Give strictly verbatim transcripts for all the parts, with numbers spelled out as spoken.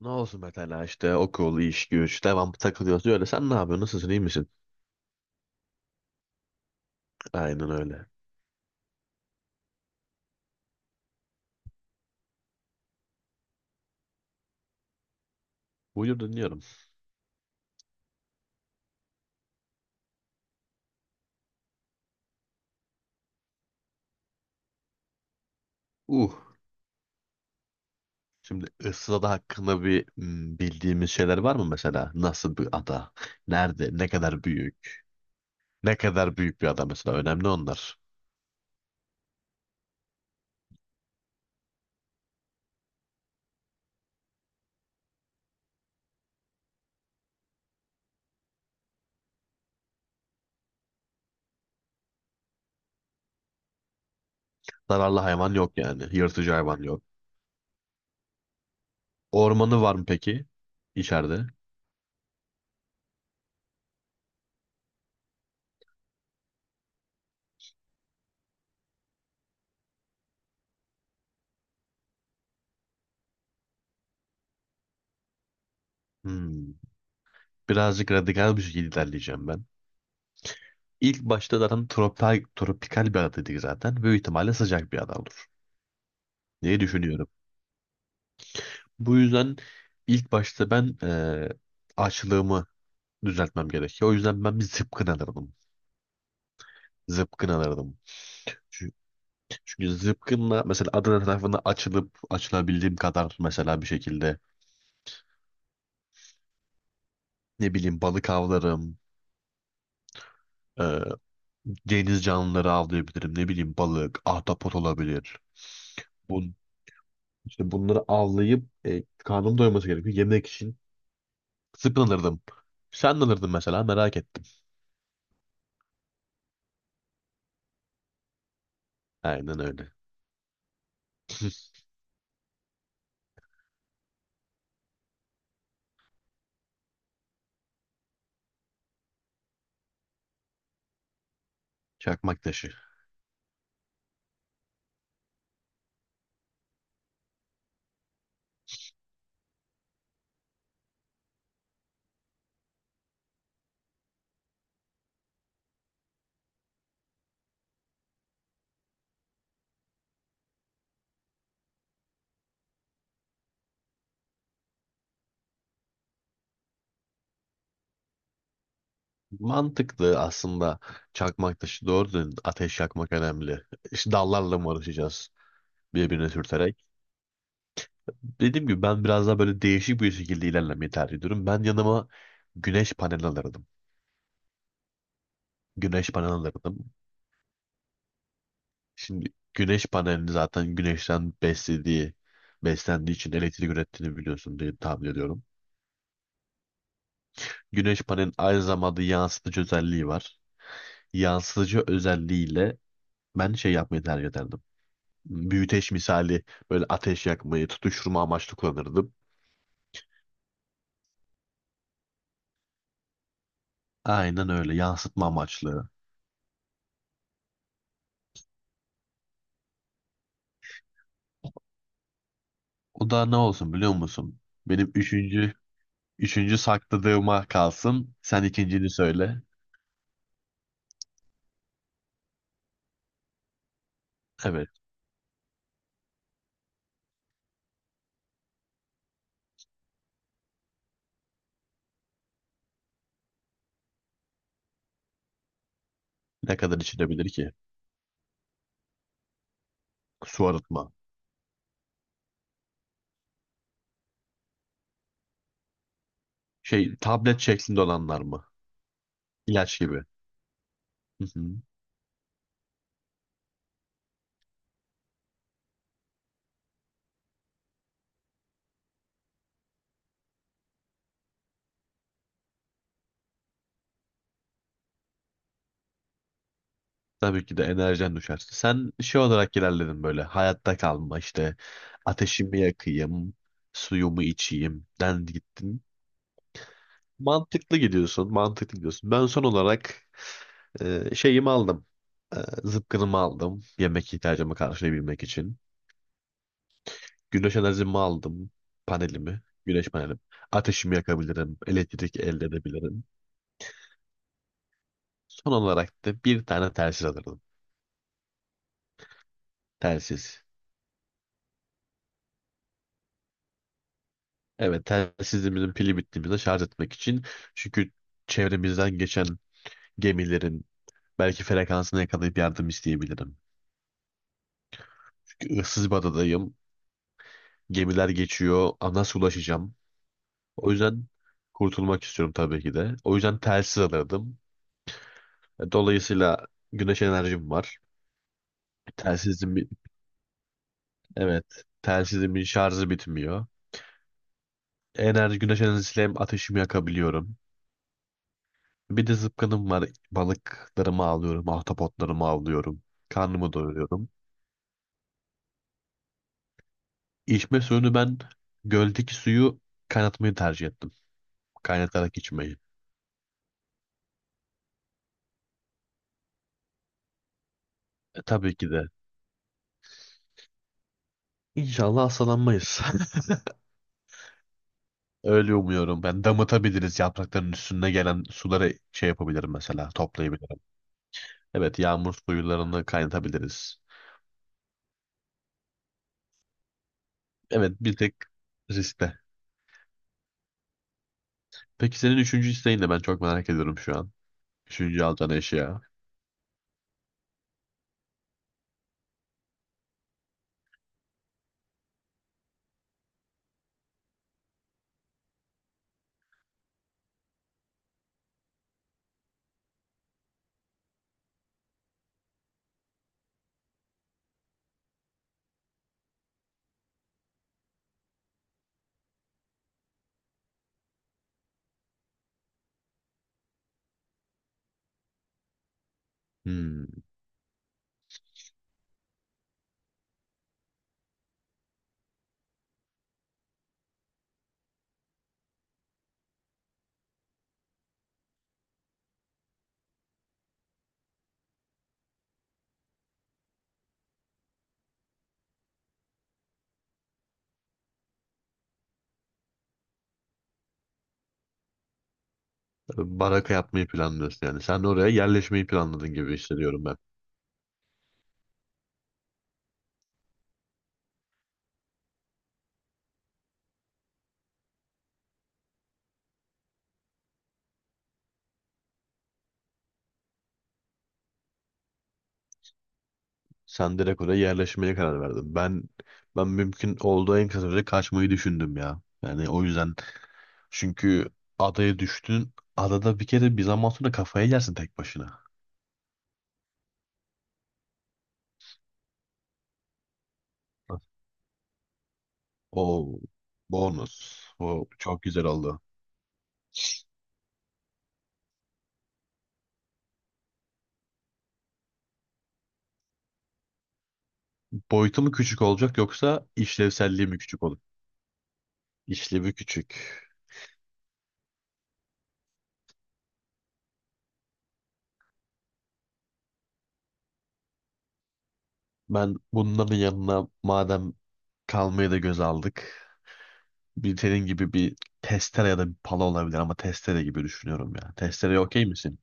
Ne olsun mesela işte okul, iş, güç, devam takılıyorsun öyle. Sen ne yapıyorsun? Nasılsın? İyi misin? Aynen öyle. Buyur dinliyorum. Uh. Şimdi Isırada hakkında bir hmm, bildiğimiz şeyler var mı mesela? Nasıl bir ada? Nerede? Ne kadar büyük? Ne kadar büyük bir ada mesela? Önemli onlar. Zararlı hayvan yok yani. Yırtıcı hayvan yok. Ormanı var mı peki? içeride Hmm. Birazcık radikal bir şekilde ilerleyeceğim ben. İlk başta zaten tropikal, tropikal bir ada dedik zaten. Büyük ihtimalle sıcak bir ada olur diye düşünüyorum. Bu yüzden ilk başta ben eee açlığımı düzeltmem gerekiyor. O yüzden ben bir zıpkın alırdım. Zıpkın alırdım. Çü- Çünkü zıpkınla mesela Adana tarafında açılıp açılabildiğim kadar mesela bir şekilde ne bileyim balık avlarım. eee, Deniz canlıları avlayabilirim. Ne bileyim balık, ahtapot olabilir. Bun, işte bunları avlayıp e, karnım doyması gerekiyor. Yemek için zıpkın alırdım. Sen ne alırdın mesela, merak ettim. Aynen öyle. Çakmak taşı. Mantıklı aslında çakmak taşı, doğru, ateş yakmak önemli. İşte dallarla mı uğraşacağız birbirine sürterek? Dediğim gibi ben biraz daha böyle değişik bir şekilde ilerlemeyi tercih ediyorum. Ben yanıma güneş paneli alırdım. Güneş paneli alırdım. Şimdi güneş panelini zaten güneşten beslediği, beslendiği için elektrik ürettiğini biliyorsun diye tahmin ediyorum. Güneş panelinin aynı zamanda yansıtıcı özelliği var. Yansıtıcı özelliğiyle ben şey yapmayı tercih ederdim. Büyüteç misali böyle ateş yakmayı, tutuşturma amaçlı kullanırdım. Aynen öyle, yansıtma amaçlı. O da ne olsun biliyor musun? Benim üçüncü, üçüncü sakladığıma kalsın. Sen ikincini söyle. Evet. Ne kadar içilebilir ki? Su arıtma. Şey, tablet şeklinde olanlar mı? İlaç gibi. Hı hı. Tabii ki de, enerjen düşerse. Sen şey olarak ilerledin böyle, hayatta kalma işte. Ateşimi yakayım. Suyumu içeyim. Den gittin. Mantıklı gidiyorsun, mantıklı gidiyorsun. Ben son olarak e, şeyimi aldım. E, Zıpkınımı aldım. Yemek ihtiyacımı karşılayabilmek için. Güneş enerjimi aldım. Panelimi, güneş panelim. Ateşimi yakabilirim. Elektrik elde edebilirim. Son olarak da bir tane telsiz alırdım. Telsiz. Evet, telsizimizin pili bittiğimizde şarj etmek için. Çünkü çevremizden geçen gemilerin belki frekansını yakalayıp yardım isteyebilirim. Issız bir adadayım. Gemiler geçiyor. Nasıl ulaşacağım? O yüzden kurtulmak istiyorum tabii ki de. O yüzden telsiz alırdım. E, Dolayısıyla güneş enerjim var. Telsizim, evet, telsizimin şarjı bitmiyor. Enerji, güneş enerjisiyle hem ateşimi yakabiliyorum. Bir de zıpkınım var. Balıklarımı avlıyorum, ahtapotlarımı avlıyorum. Karnımı doyuruyorum. İçme suyunu ben göldeki suyu kaynatmayı tercih ettim. Kaynatarak içmeyi. E, tabii ki de. İnşallah hastalanmayız. Öyle umuyorum. Ben damıtabiliriz. Yaprakların üstüne gelen suları şey yapabilirim mesela. Toplayabilirim. Evet, yağmur suyularını kaynatabiliriz. Evet, bir tek riskte. Peki senin üçüncü isteğin ne? Ben çok merak ediyorum şu an. Üçüncü alacağın eşya. Hmm. Baraka yapmayı planlıyorsun yani. Sen oraya yerleşmeyi planladın gibi hissediyorum ben. Sen direkt oraya yerleşmeye karar verdin. Ben ben mümkün olduğu en kısa sürede kaçmayı düşündüm ya. Yani o yüzden. Çünkü adaya düştün. Adada bir kere bir zaman sonra kafayı yersin tek başına. O bonus. O çok güzel oldu. Boyutu mu küçük olacak yoksa işlevselliği mi küçük olur? İşlevi küçük. Ben bunların yanına madem kalmayı da göz aldık. Bir senin gibi bir testere ya da bir pala olabilir, ama testere gibi düşünüyorum ya. Testereye okey misin?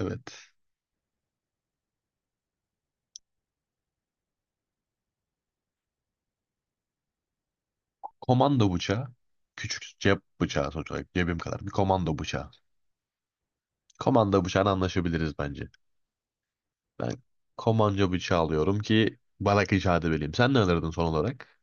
Evet. Komando bıçağı. Küçük cep bıçağı, sonuç olarak cebim kadar. Bir komando bıçağı. Komando bıçağına anlaşabiliriz bence. Ben komanca bıçağı alıyorum ki barak işareti vereyim. Sen ne alırdın son olarak?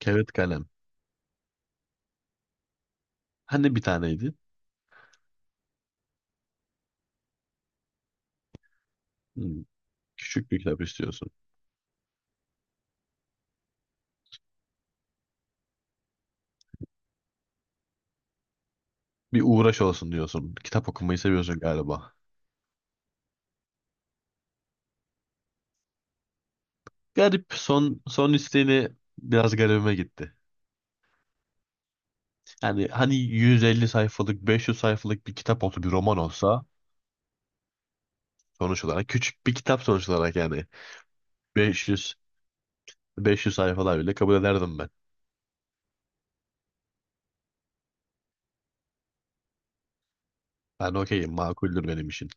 Kağıt kalem. Hani bir taneydi? Hmm, Küçük bir kitap istiyorsun. Bir uğraş olsun diyorsun. Kitap okumayı seviyorsun galiba. Garip. Son son isteğini biraz garibime gitti. Yani hani yüz elli sayfalık, beş yüz sayfalık bir kitap olsa, bir roman olsa, sonuç olarak küçük bir kitap sonuç olarak yani 500 500 sayfalar bile kabul ederdim ben. Ben okeyim, makuldür benim için.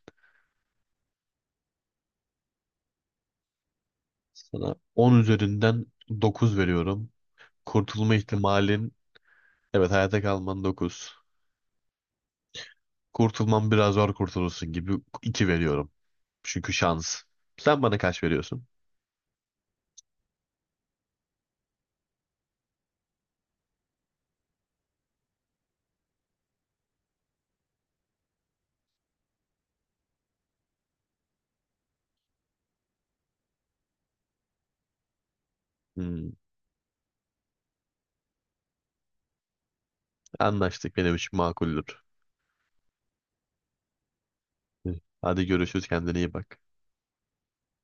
Sana on üzerinden dokuz veriyorum. Kurtulma ihtimalin, evet, hayatta kalman dokuz. Kurtulman biraz zor, kurtulursun gibi, iki veriyorum. Çünkü şans. Sen bana kaç veriyorsun? Hmm, Anlaştık, benim için makuldür. Hadi görüşürüz, kendine iyi bak.